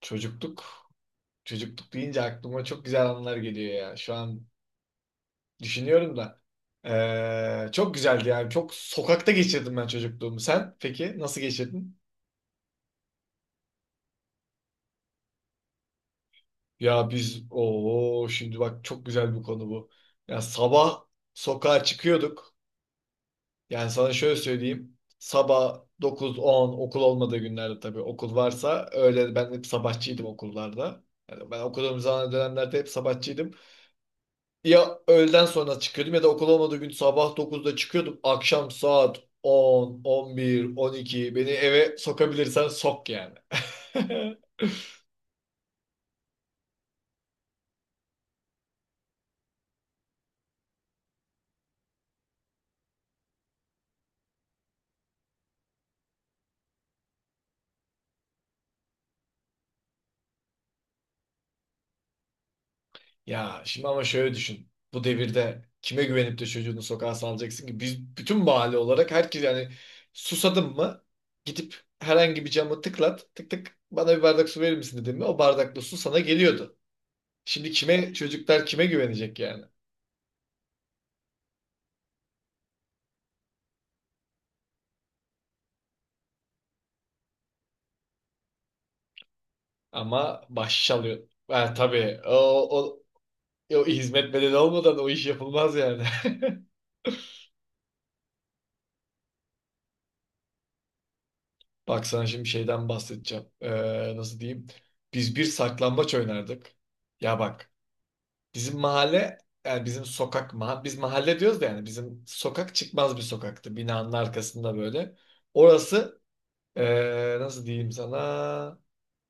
Çocukluk, çocukluk deyince aklıma çok güzel anılar geliyor ya. Şu an düşünüyorum da. Çok güzeldi yani. Çok sokakta geçirdim ben çocukluğumu. Sen peki nasıl geçirdin? Ya biz o şimdi bak çok güzel bir konu bu. Ya sabah sokağa çıkıyorduk. Yani sana şöyle söyleyeyim. Sabah 9-10 okul olmadığı günlerde tabii okul varsa öyle ben hep sabahçıydım okullarda. Yani ben okuduğum zaman dönemlerde hep sabahçıydım. Ya öğleden sonra çıkıyordum ya da okul olmadığı gün sabah 9'da çıkıyordum. Akşam saat 10, 11, 12 beni eve sokabilirsen sok yani. Ya şimdi ama şöyle düşün. Bu devirde kime güvenip de çocuğunu sokağa salacaksın ki? Biz bütün mahalle olarak herkes yani susadım mı gidip herhangi bir camı tıklat tık tık bana bir bardak su verir misin dedim mi o bardakla su sana geliyordu. Şimdi kime çocuklar kime güvenecek yani? Ama baş çalıyor. Ha, tabii o. E, o hizmet bedeli olmadan o iş yapılmaz yani. Bak sana şimdi şeyden bahsedeceğim. Nasıl diyeyim? Biz bir saklambaç oynardık. Ya bak bizim mahalle yani bizim sokak biz mahalle diyoruz da yani bizim sokak çıkmaz bir sokaktı. Binanın arkasında böyle. Orası nasıl diyeyim sana?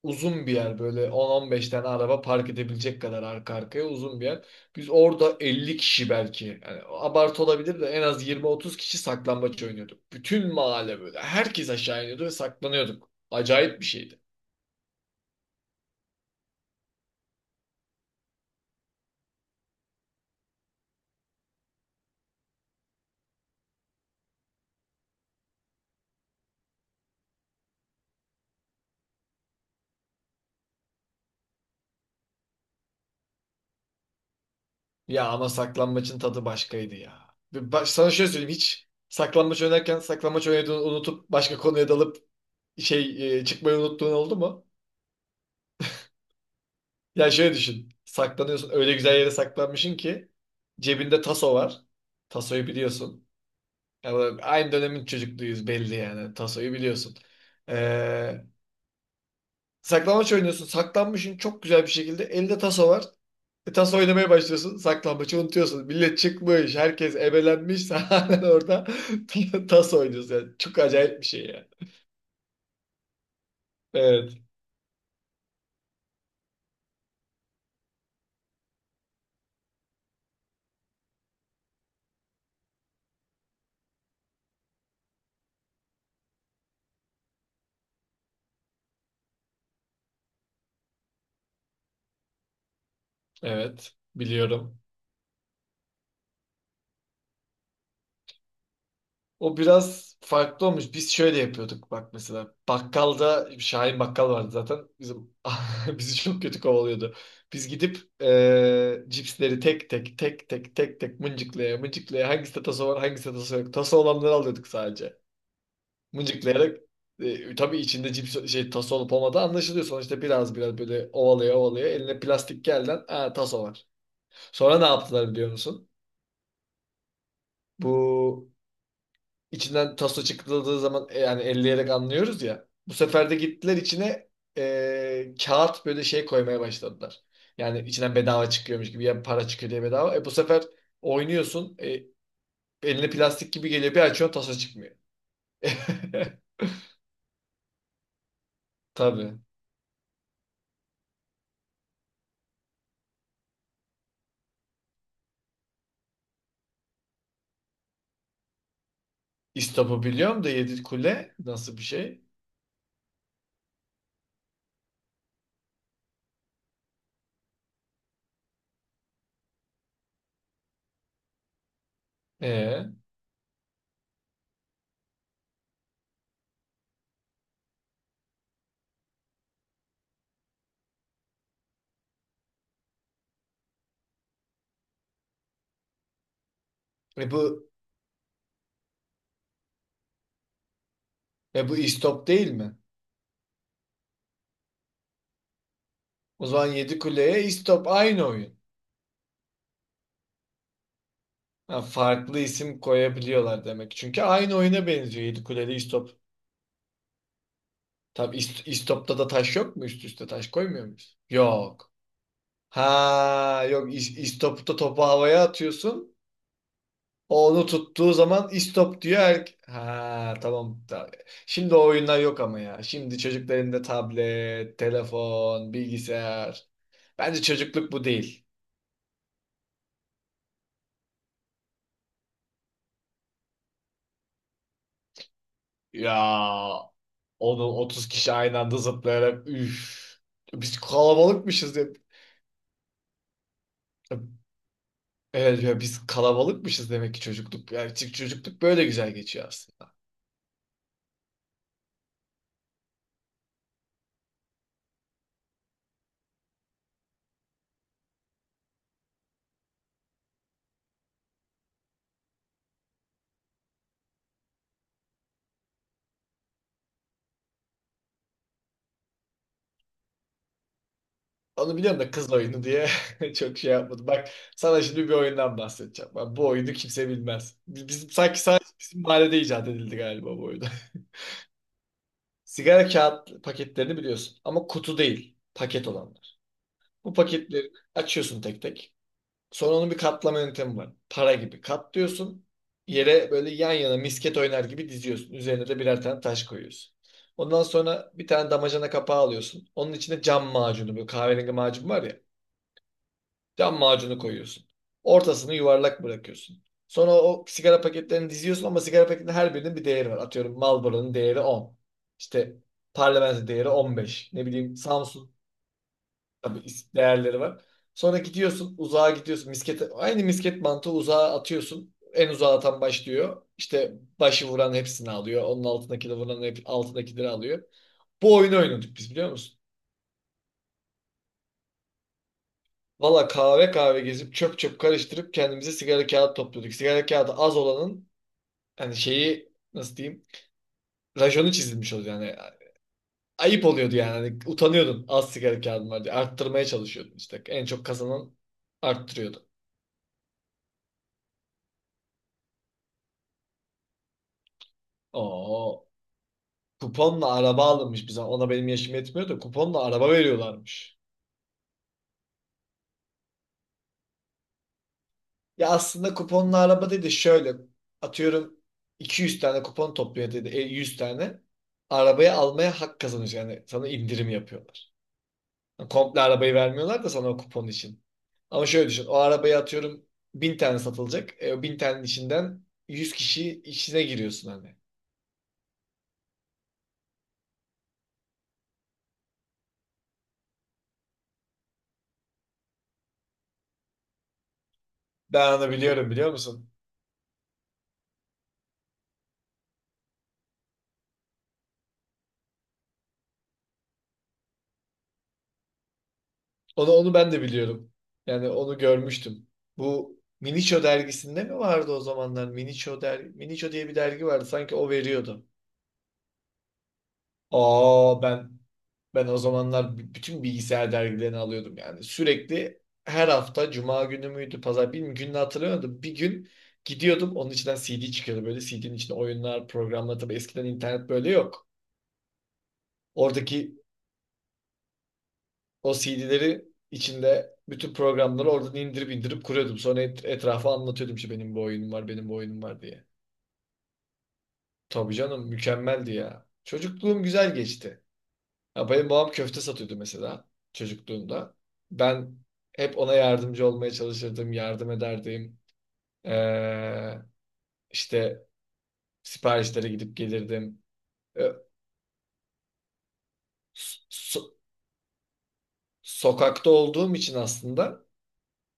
Uzun bir yer, böyle on 15 tane araba park edebilecek kadar arka arkaya uzun bir yer. Biz orada 50 kişi, belki yani abartı olabilir de, en az 20-30 kişi saklambaç oynuyorduk. Bütün mahalle böyle herkes aşağı iniyordu ve saklanıyorduk. Acayip bir şeydi. Ya ama saklambaçın tadı başkaydı ya. Ve baş, sana şöyle söyleyeyim, hiç saklambaç oynarken saklambaç oynadığını unutup başka konuya dalıp çıkmayı unuttuğun oldu mu? Ya şöyle düşün. Saklanıyorsun. Öyle güzel yere saklanmışsın ki cebinde taso var. Tasoyu biliyorsun. Aynı dönemin çocukluğuyuz belli yani. Tasoyu biliyorsun. Ee, Saklambaç oynuyorsun. Saklanmışsın çok güzel bir şekilde. Elinde taso var. E, taso oynamaya başlıyorsun. Saklambaçı unutuyorsun. Millet çıkmış. Herkes ebelenmiş. Sen halen orada taso oynuyorsun. Yani çok acayip bir şey yani. Evet. Evet. Biliyorum. O biraz farklı olmuş. Biz şöyle yapıyorduk bak mesela. Bakkalda Şahin Bakkal vardı zaten. Bizim bizi çok kötü kovalıyordu. Biz gidip cipsleri tek tek tek tek tek tek mıncıklaya mıncıklaya hangisi taso var hangisi taso yok. Taso olanları alıyorduk sadece. Mıncıklayarak tabii içinde cips şey taso olup olmadığı anlaşılıyor. Sonuçta biraz biraz böyle ovalaya ovalaya eline plastik gelden, "Aa, taso var." Sonra ne yaptılar biliyor musun? Bu İçinden taso çıkıldığı zaman, yani elleyerek anlıyoruz ya. Bu sefer de gittiler içine kağıt böyle şey koymaya başladılar. Yani içinden bedava çıkıyormuş gibi ya, para çıkıyor diye bedava. E bu sefer oynuyorsun, eline plastik gibi geliyor, bir açıyorsun, taso çıkmıyor. Tabii. İstop'u biliyorum da Yedi Kule nasıl bir şey? E, e bu bu İstop değil mi? O zaman Yedi Kule'ye İstop aynı oyun. Ha, farklı isim koyabiliyorlar demek. Çünkü aynı oyuna benziyor. Yedi Kuleli İstop. İstopta da taş yok mu? Üst üste taş koymuyor muyuz? Yok. İstopta topu havaya atıyorsun. O onu tuttuğu zaman istop diyor. Ha, tamam. Şimdi o oyunlar yok ama ya. Şimdi çocukların da tablet, telefon, bilgisayar. Bence çocukluk bu değil. Ya onu 30 kişi aynı anda zıplayarak üf. Biz kalabalıkmışız hep. Evet ya, biz kalabalıkmışız demek ki çocukluk. Yani çocukluk böyle güzel geçiyor aslında. Onu biliyorum da, kız oyunu diye çok şey yapmadım. Bak sana şimdi bir oyundan bahsedeceğim. Bak, bu oyunu kimse bilmez. Biz sanki sadece bizim mahallede icat edildi galiba bu oyun. Sigara kağıt paketlerini biliyorsun, ama kutu değil, paket olanlar. Bu paketleri açıyorsun tek tek. Sonra onun bir katlama yöntemi var. Para gibi katlıyorsun. Yere böyle yan yana misket oynar gibi diziyorsun. Üzerine de birer tane taş koyuyorsun. Ondan sonra bir tane damacana kapağı alıyorsun. Onun içine cam macunu, böyle kahverengi macun var ya. Cam macunu koyuyorsun. Ortasını yuvarlak bırakıyorsun. Sonra o sigara paketlerini diziyorsun ama sigara paketinin her birinin bir değeri var. Atıyorum, Marlboro'nun değeri 10. İşte Parlamento değeri 15. Ne bileyim Samsun. Değerleri var. Sonra gidiyorsun, uzağa gidiyorsun. Miskete, aynı misket mantığı, uzağa atıyorsun. En uzağa atan başlıyor. İşte başı vuran hepsini alıyor. Onun altındaki de vuran hep altındakileri alıyor. Bu oyunu oynadık biz, biliyor musun? Valla kahve kahve gezip çöp çöp karıştırıp kendimize sigara kağıt topluyorduk. Sigara kağıdı az olanın, hani şeyi nasıl diyeyim, rajonu çizilmiş oluyor yani. Ayıp oluyordu yani. Hani utanıyordun az sigara kağıdın var diye. Arttırmaya çalışıyordun işte. En çok kazanan arttırıyordu. Oo. Kuponla araba alınmış bize. Ona benim yaşım yetmiyor da kuponla araba veriyorlarmış. Ya aslında kuponla araba dedi şöyle, atıyorum 200 tane kupon topluyor dedi, 100 tane. Arabayı almaya hak kazanıyorsun. Yani sana indirim yapıyorlar. Yani komple arabayı vermiyorlar da sana o kupon için. Ama şöyle düşün, o arabayı atıyorum 1.000 tane satılacak. E, o 1.000 tanenin içinden 100 kişi içine giriyorsun hani. Ben onu biliyorum, biliyor musun? Onu, onu ben de biliyorum. Yani onu görmüştüm. Bu Miniço dergisinde mi vardı o zamanlar? Miniço diye bir dergi vardı. Sanki o veriyordu. Aa, ben o zamanlar bütün bilgisayar dergilerini alıyordum yani. Sürekli her hafta cuma günü müydü, pazar, bilmiyorum, gününü hatırlamıyordum. Bir gün gidiyordum, onun içinden CD çıkıyordu, böyle CD'nin içinde oyunlar, programlar. Tabii eskiden internet böyle yok. Oradaki O CD'leri içinde bütün programları oradan indirip indirip kuruyordum. Sonra etrafa anlatıyordum işte, benim bu oyunum var, benim bu oyunum var diye. Tabii canım, mükemmeldi ya. Çocukluğum güzel geçti. Ya benim babam köfte satıyordu mesela çocukluğumda. Ben hep ona yardımcı olmaya çalışırdım, yardım ederdim. Ee, işte siparişlere gidip gelirdim. Ee, so- so- sokakta olduğum için aslında.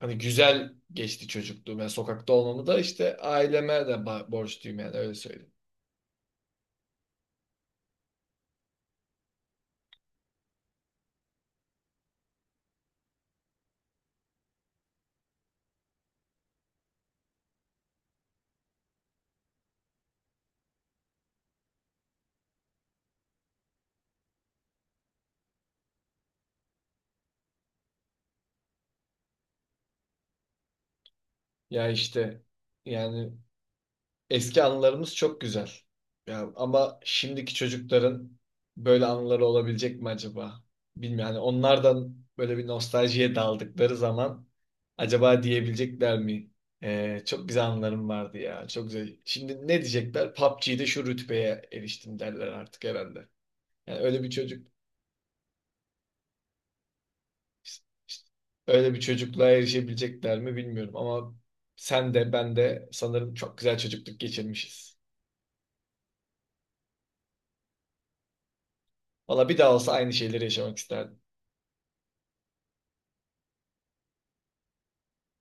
Hani güzel geçti çocukluğum. Yani sokakta olmamı da işte aileme de borçluyum yani, öyle söyleyeyim. Ya işte yani eski anılarımız çok güzel. Ya ama şimdiki çocukların böyle anıları olabilecek mi acaba? Bilmiyorum. Yani onlardan böyle bir nostaljiye daldıkları zaman acaba diyebilecekler mi? Çok güzel anılarım vardı ya. Çok güzel. Şimdi ne diyecekler? PUBG'de şu rütbeye eriştim derler artık herhalde. Yani öyle bir çocuk. İşte öyle bir çocukluğa erişebilecekler mi bilmiyorum ama sen de ben de sanırım çok güzel çocukluk geçirmişiz. Valla bir daha olsa aynı şeyleri yaşamak isterdim.